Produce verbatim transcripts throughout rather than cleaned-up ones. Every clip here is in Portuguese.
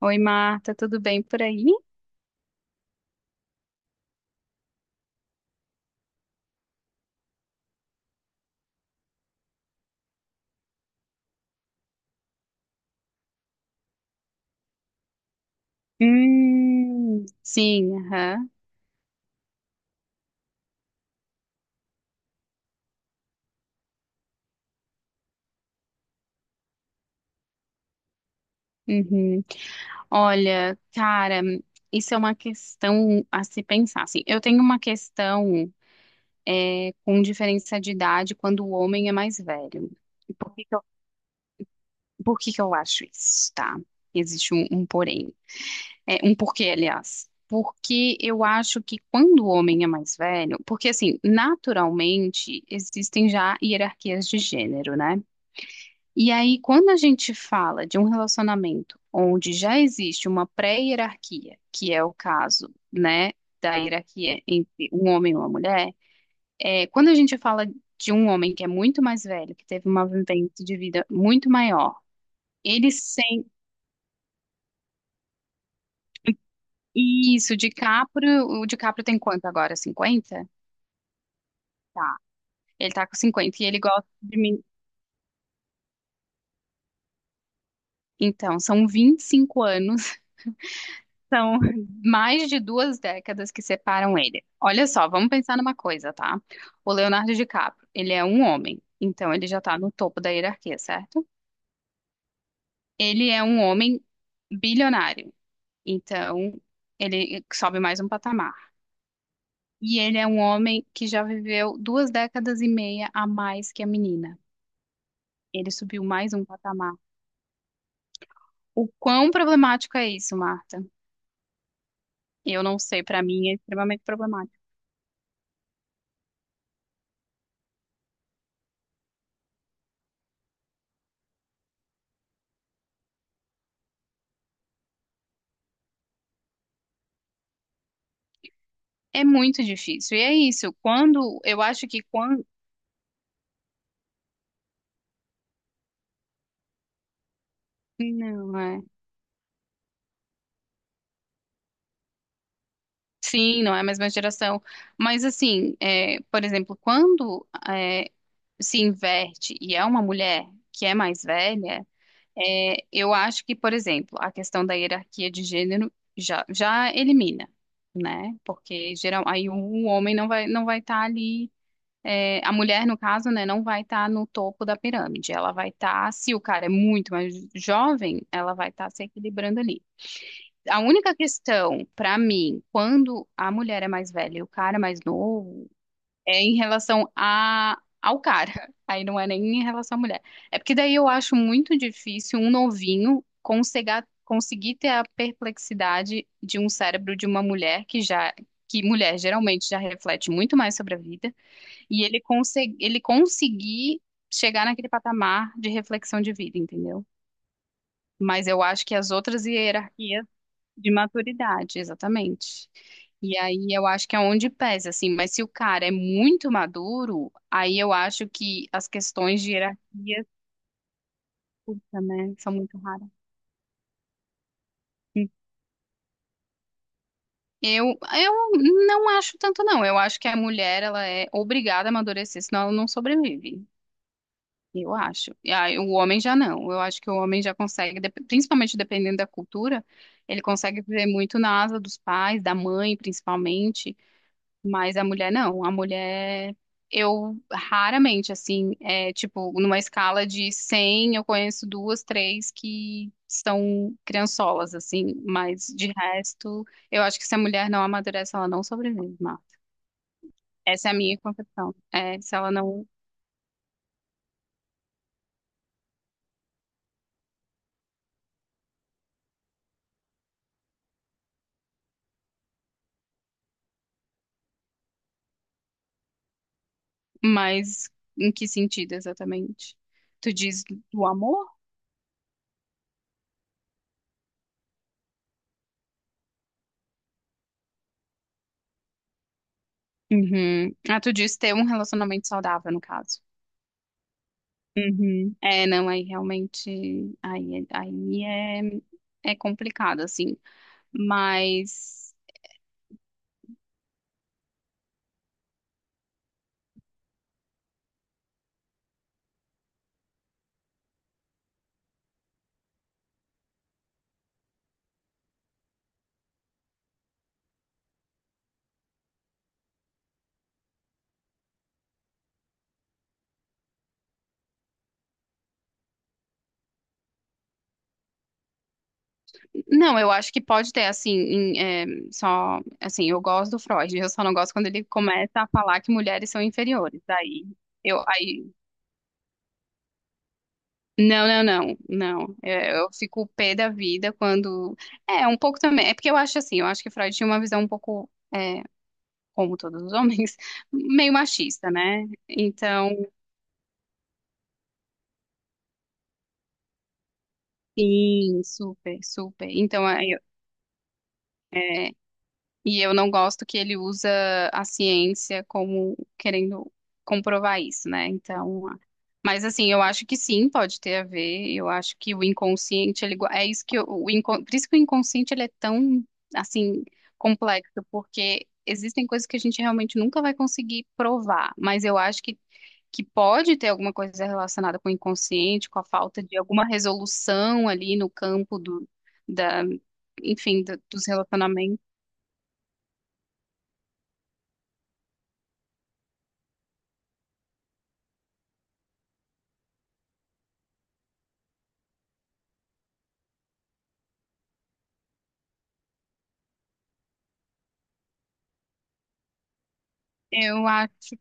Oi, Marta, tudo bem por aí? Hum, sim, aham. Uhum. Olha, cara, isso é uma questão a se pensar. Assim, eu tenho uma questão com diferença de idade quando o homem é mais velho. E Por que que eu, por que que eu acho isso, tá? Existe um, um porém. É, um porquê, aliás. Porque eu acho que quando o homem é mais velho, porque assim, naturalmente existem já hierarquias de gênero, né? E aí, quando a gente fala de um relacionamento onde já existe uma pré-hierarquia, que é o caso, né, da hierarquia entre um homem e uma mulher, é, quando a gente fala de um homem que é muito mais velho, que teve uma vivência de vida muito maior, ele sem isso, DiCaprio, o DiCaprio tem quanto agora? Cinquenta? Tá. Ele tá com cinquenta e ele gosta de mim. Então, são vinte e cinco anos. São mais de duas décadas que separam ele. Olha só, vamos pensar numa coisa, tá? O Leonardo DiCaprio, ele é um homem, então ele já tá no topo da hierarquia, certo? Ele é um homem bilionário, então ele sobe mais um patamar. E ele é um homem que já viveu duas décadas e meia a mais que a menina. Ele subiu mais um patamar. O quão problemático é isso, Marta? Eu não sei, pra mim é extremamente problemático. É muito difícil. E é isso. Quando eu acho que quando não é. Sim, não é a mesma geração. Mas assim, é, por exemplo, quando é, se inverte e é uma mulher que é mais velha, é, eu acho que, por exemplo, a questão da hierarquia de gênero já, já elimina, né? Porque geral, aí o homem não vai não vai estar ali é, a mulher, no caso, né, não vai estar no topo da pirâmide. Ela vai estar, se o cara é muito mais jovem, ela vai estar se equilibrando ali. A única questão, para mim, quando a mulher é mais velha e o cara é mais novo, é em relação a, ao cara. Aí não é nem em relação à mulher. É porque daí eu acho muito difícil um novinho conseguir, conseguir ter a perplexidade de um cérebro de uma mulher que já, que mulher geralmente já reflete muito mais sobre a vida e ele, conse- ele conseguir chegar naquele patamar de reflexão de vida, entendeu? Mas eu acho que as outras hierarquias de maturidade, exatamente. E aí eu acho que é onde pesa, assim. Mas se o cara é muito maduro, aí eu acho que as questões de hierarquia, puta, né, são muito raras. Eu, eu não acho tanto, não. Eu acho que a mulher, ela é obrigada a amadurecer, senão ela não sobrevive. Eu acho. E aí, o homem já não. Eu acho que o homem já consegue, dep- principalmente dependendo da cultura, ele consegue viver muito na asa dos pais, da mãe, principalmente. Mas a mulher não. A mulher, eu raramente, assim, é tipo, numa escala de cem, eu conheço duas, três que são criançolas, assim. Mas de resto, eu acho que se a mulher não amadurece, ela não sobrevive, Marta. Essa é a minha concepção. É, se ela não. Mas em que sentido exatamente? Tu diz do amor? Uhum. Ah, tu diz ter um relacionamento saudável, no caso. Uhum. É, não, aí realmente, aí, é- aí é, é complicado, assim, mas, não, eu acho que pode ter, assim, em, é, só, assim, eu gosto do Freud, eu só não gosto quando ele começa a falar que mulheres são inferiores, aí, eu, aí Não, não, não, não. É, eu fico pé da vida quando. É, um pouco também. É porque eu acho assim, eu acho que Freud tinha uma visão um pouco, como todos os homens, meio machista, né? Então, sim, super, super. Então, é, E eu não gosto que ele usa a ciência como querendo comprovar isso, né? Então, a- mas assim, eu acho que sim, pode ter a ver. Eu acho que o inconsciente, ele gua- é isso que eu- o inco- por isso que o inconsciente ele é tão assim complexo, porque existem coisas que a gente realmente nunca vai conseguir provar, mas eu acho que que pode ter alguma coisa relacionada com o inconsciente, com a falta de alguma resolução ali no campo do da, enfim, do- dos relacionamentos. Eu acho,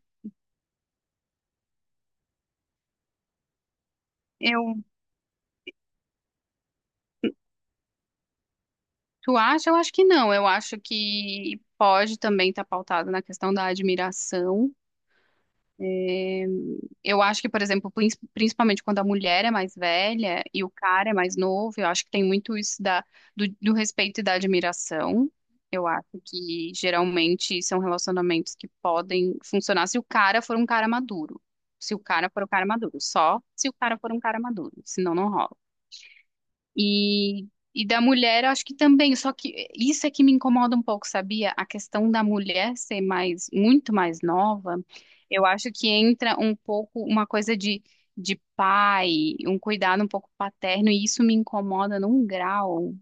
eu, tu acha? Eu acho que não. Eu acho que pode também estar pautado na questão da admiração. É, eu acho que, por exemplo, prin- principalmente quando a mulher é mais velha e o cara é mais novo, eu acho que tem muito isso da, do, do respeito e da admiração. Eu acho que geralmente são relacionamentos que podem funcionar se o cara for um cara maduro. Se o cara for um cara maduro, só se o cara for um cara maduro, senão não rola. E, e da mulher, acho que também, só que isso é que me incomoda um pouco, sabia? A questão da mulher ser mais, muito mais nova, eu acho que entra um pouco uma coisa de, de pai, um cuidado um pouco paterno, e isso me incomoda num grau.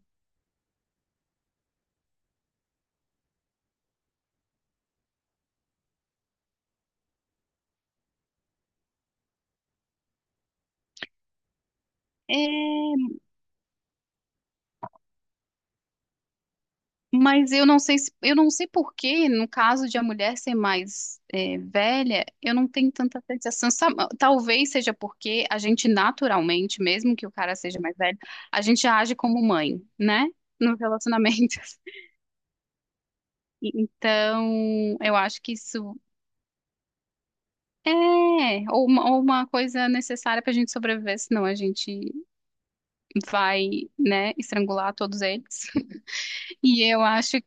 É, mas eu não sei se, eu não sei por que, no caso de a mulher ser mais é, velha, eu não tenho tanta sensação. Sa- Talvez seja porque a gente naturalmente, mesmo que o cara seja mais velho, a gente age como mãe, né? Nos relacionamentos. E- Então, eu acho que isso é ou uma, ou uma coisa necessária para a gente sobreviver, senão a gente vai, né, estrangular todos eles. E eu acho.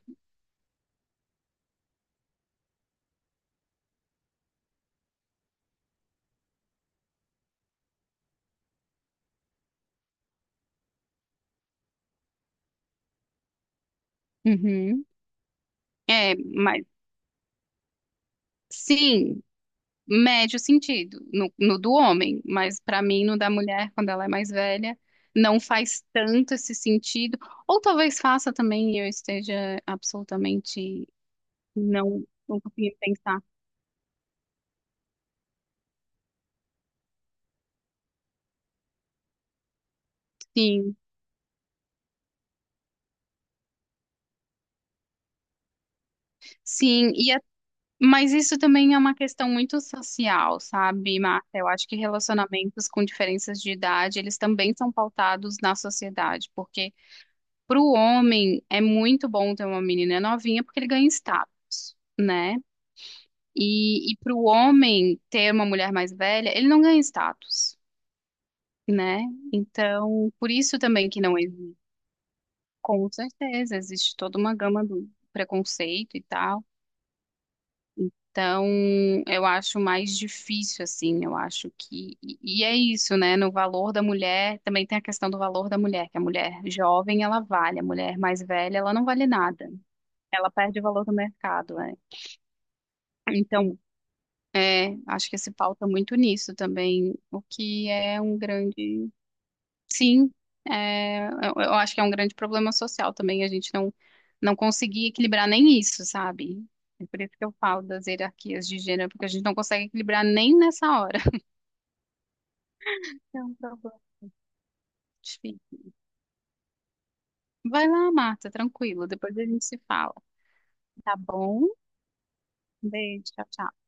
Uhum. É, mas sim. Médio sentido no, no do homem, mas para mim no da mulher, quando ela é mais velha, não faz tanto esse sentido. Ou talvez faça também e eu esteja absolutamente não não conseguindo pensar. Sim, sim, e é- mas isso também é uma questão muito social, sabe, Marta? Eu acho que relacionamentos com diferenças de idade, eles também são pautados na sociedade, porque para o homem é muito bom ter uma menina novinha porque ele ganha status. Né? E, e para o homem ter uma mulher mais velha, ele não ganha status, né? Então, por isso também que não existe. Com certeza, existe toda uma gama do preconceito e tal. Então, eu acho mais difícil, assim, eu acho que. E e é isso, né? No valor da mulher, também tem a questão do valor da mulher, que a mulher jovem, ela vale, a mulher mais velha, ela não vale nada. Ela perde o valor do mercado, né? Então, É, acho que se pauta muito nisso também, o que é um grande, sim, é, eu, eu acho que é um grande problema social também, a gente não, não conseguir equilibrar nem isso, sabe? É por isso que eu falo das hierarquias de gênero, porque a gente não consegue equilibrar nem nessa hora. É um problema difícil. Vai lá, Marta, tranquilo, depois a gente se fala. Tá bom? Um beijo, tchau, tchau.